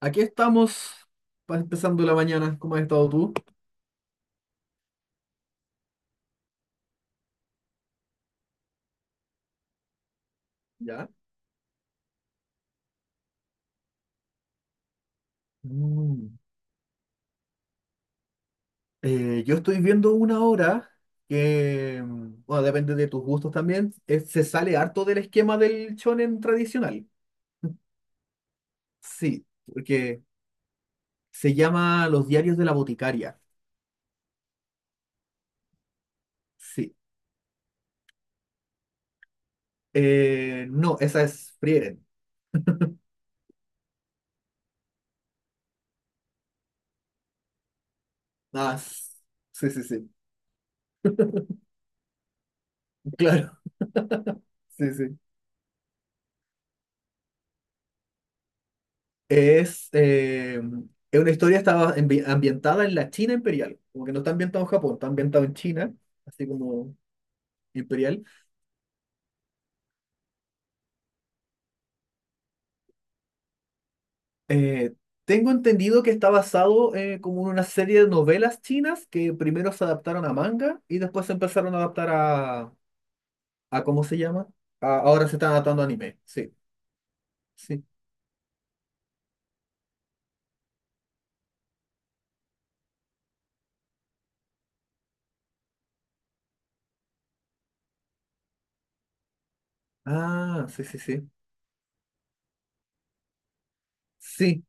Aquí estamos, empezando la mañana. ¿Cómo has estado tú? ¿Ya? Mm. Yo estoy viendo una obra que, bueno, depende de tus gustos también, se sale harto del esquema del shonen tradicional. Sí, porque se llama Los diarios de la boticaria. Sí. No, esa es Frieren. Ah, sí, sí, sí, claro. Sí, sí. Es, eh, es una historia estaba ambientada en la China imperial, como que no está ambientado en Japón, está ambientado en China, así como imperial. Eh, Tengo entendido que está basado como en una serie de novelas chinas que primero se adaptaron a manga y después se empezaron a adaptar a ¿cómo se llama? Ahora se están adaptando a anime, sí, sí. Ah, sí, sí, sí. Sí,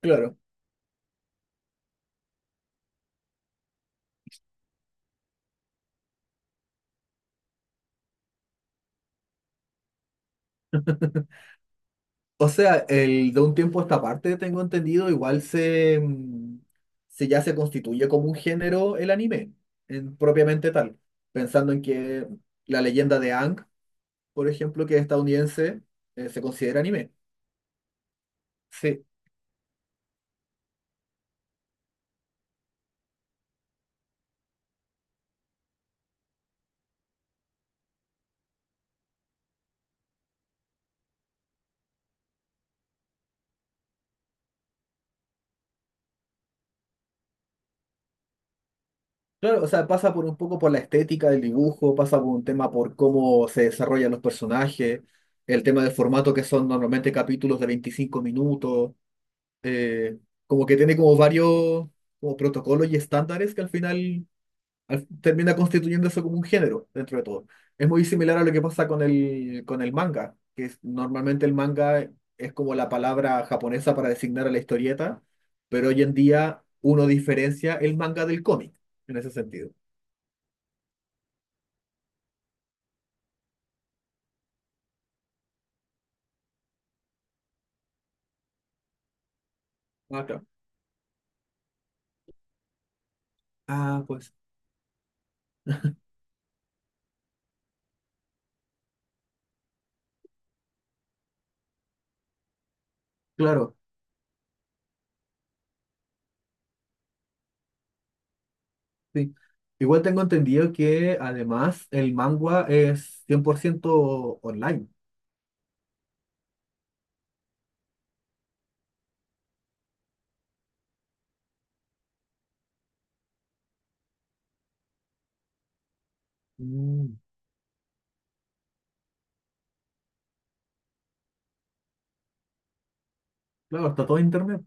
claro. O sea, de un tiempo a esta parte, tengo entendido, igual se ya se constituye como un género el anime, propiamente tal. Pensando en que la leyenda de Aang, por ejemplo, que es estadounidense, se considera anime. Sí, claro, o sea, pasa por un poco por la estética del dibujo, pasa por un tema por cómo se desarrollan los personajes, el tema del formato que son normalmente capítulos de 25 minutos, eh, como que tiene como varios como protocolos y estándares que al final termina constituyéndose como un género dentro de todo. Es muy similar a lo que pasa con el manga, que normalmente el manga es como la palabra japonesa para designar a la historieta, pero hoy en día uno diferencia el manga del cómic en ese sentido. Ah, claro. Ah, pues claro, sí. Igual tengo entendido que además el manga es 100% online. Mm, claro, está todo en internet.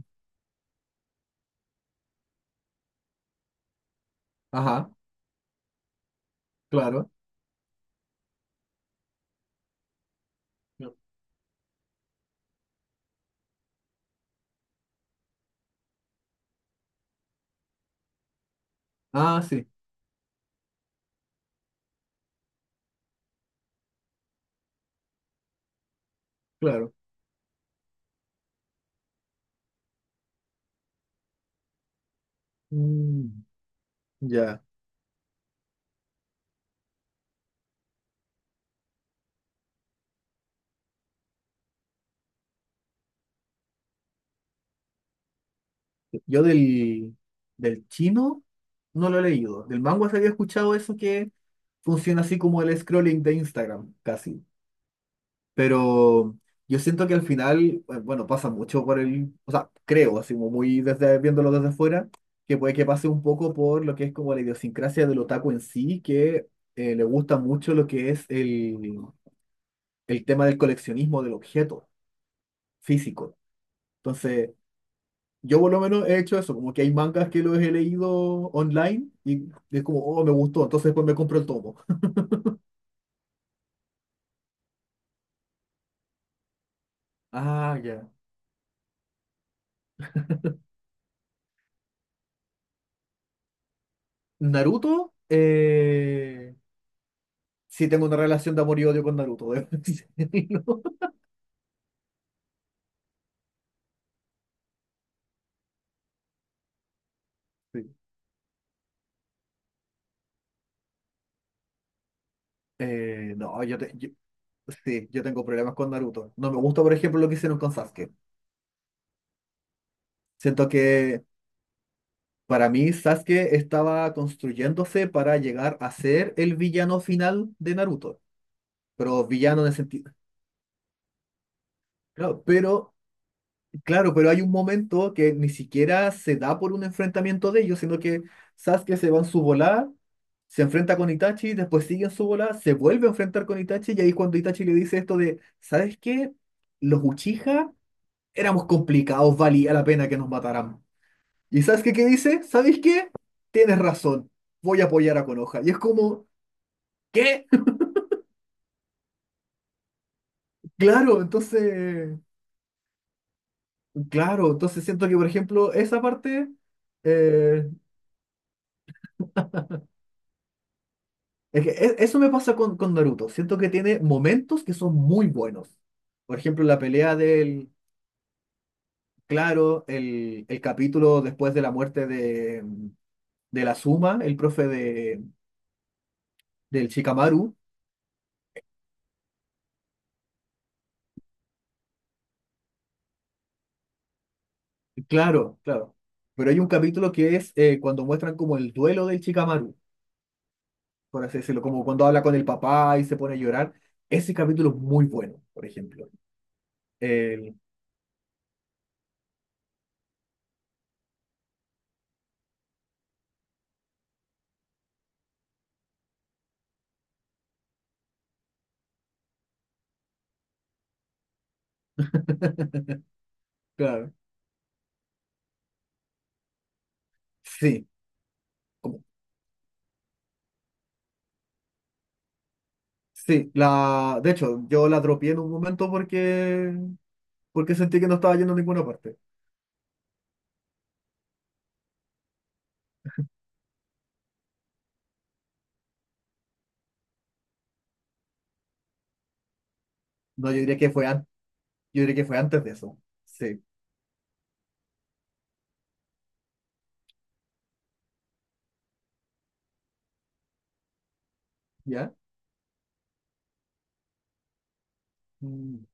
Ajá, claro. Ah, sí, claro. Mm, ya. Yo del chino no lo he leído. Del manga se había escuchado eso que funciona así como el scrolling de Instagram, casi. Pero yo siento que al final, bueno, pasa mucho por el, o sea, creo, así como muy desde, viéndolo desde fuera, que puede que pase un poco por lo que es como la idiosincrasia del otaku en sí, que le gusta mucho lo que es el tema del coleccionismo del objeto físico. Entonces, yo por lo menos he hecho eso, como que hay mangas que los he leído online y es como, oh, me gustó, entonces después me compro el tomo. Ah, ya. Naruto, sí tengo una relación de amor y odio con Naruto, debo decirlo. Sí. No, sí, yo tengo problemas con Naruto. No me gusta, por ejemplo, lo que hicieron con Sasuke. Siento que para mí Sasuke estaba construyéndose para llegar a ser el villano final de Naruto, pero villano en el sentido. Claro, pero Claro, pero hay un momento que ni siquiera se da por un enfrentamiento de ellos, sino que Sasuke se va en su volada, se enfrenta con Itachi, después sigue en su volada, se vuelve a enfrentar con Itachi, y ahí es cuando Itachi le dice esto de, ¿sabes qué? Los Uchiha éramos complicados, valía la pena que nos mataran. ¿Y Sasuke qué dice? ¿Sabes qué? Tienes razón, voy a apoyar a Konoha. Y es como, ¿qué? Claro, entonces, claro, entonces, siento que, por ejemplo, esa parte. eh, Es que eso me pasa con Naruto. Siento que tiene momentos que son muy buenos. Por ejemplo, la pelea claro, el capítulo después de la muerte de la Suma, el profe del Shikamaru. Claro, claro. Pero hay un capítulo que es cuando muestran como el duelo del Shikamaru, por así decirlo, como cuando habla con el papá y se pone a llorar. Ese capítulo es muy bueno, por ejemplo. El, claro, sí. Sí, de hecho, yo la dropié en un momento porque sentí que no estaba yendo a ninguna parte. No, yo diría que fue antes, yo diría que fue antes de eso. Sí, ¿ya? Mm.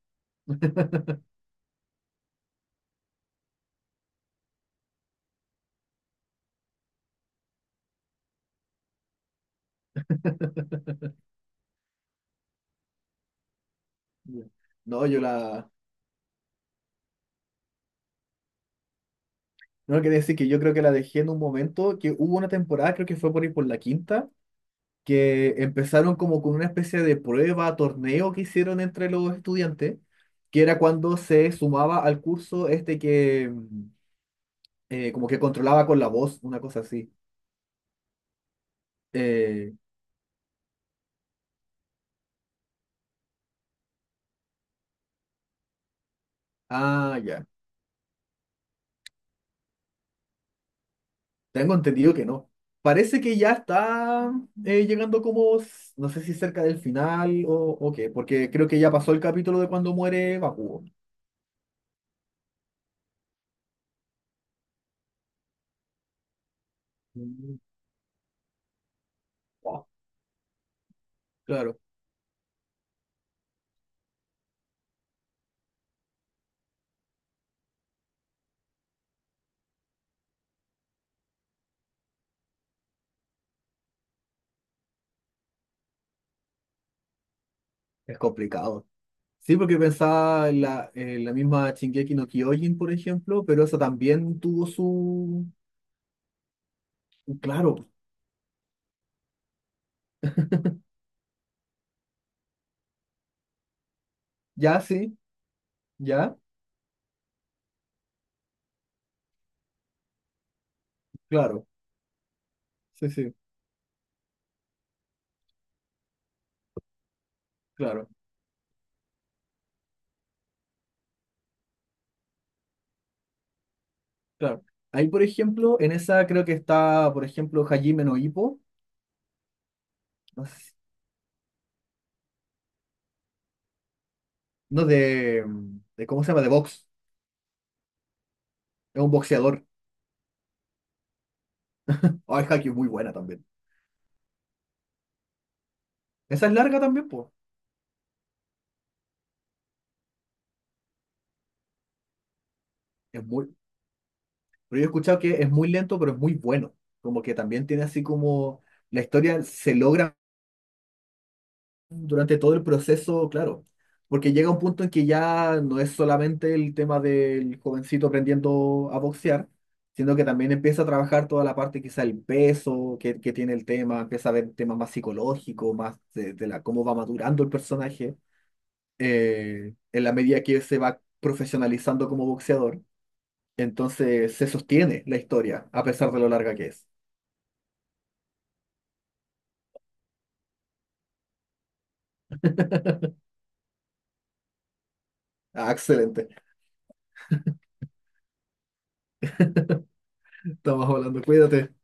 Ya. No, yo la. No, quería decir que yo creo que la dejé en un momento que hubo una temporada, creo que fue por ahí por la quinta, que empezaron como con una especie de prueba, torneo que hicieron entre los estudiantes, que era cuando se sumaba al curso este que como que controlaba con la voz, una cosa así. Eh, ah, ya. Tengo entendido que no. Parece que ya está llegando como, no sé si cerca del final o qué, porque creo que ya pasó el capítulo de cuando muere Bakugo. Mm. Wow, claro, es complicado. Sí, porque pensaba en la misma Shingeki no Kyojin, por ejemplo, pero eso también tuvo su. Claro, ya sí, ya, claro, sí, sí, claro, claro. Ahí, por ejemplo, en esa creo que está, por ejemplo, Hajime no Ippo. No sé. No, de. ¿Cómo se llama? De box. Es un boxeador. Ah, es Haikyuu, muy buena también. Esa es larga también, pues. Es muy. Pero yo he escuchado que es muy lento, pero es muy bueno. Como que también tiene así como. La historia se logra durante todo el proceso, claro. Porque llega un punto en que ya no es solamente el tema del jovencito aprendiendo a boxear, sino que también empieza a trabajar toda la parte, quizá el peso que tiene el tema, empieza a ver temas más psicológicos, más cómo va madurando el personaje. En la medida que él se va profesionalizando como boxeador, entonces se sostiene la historia, a pesar de lo larga que es. Ah, excelente. Estamos hablando, cuídate.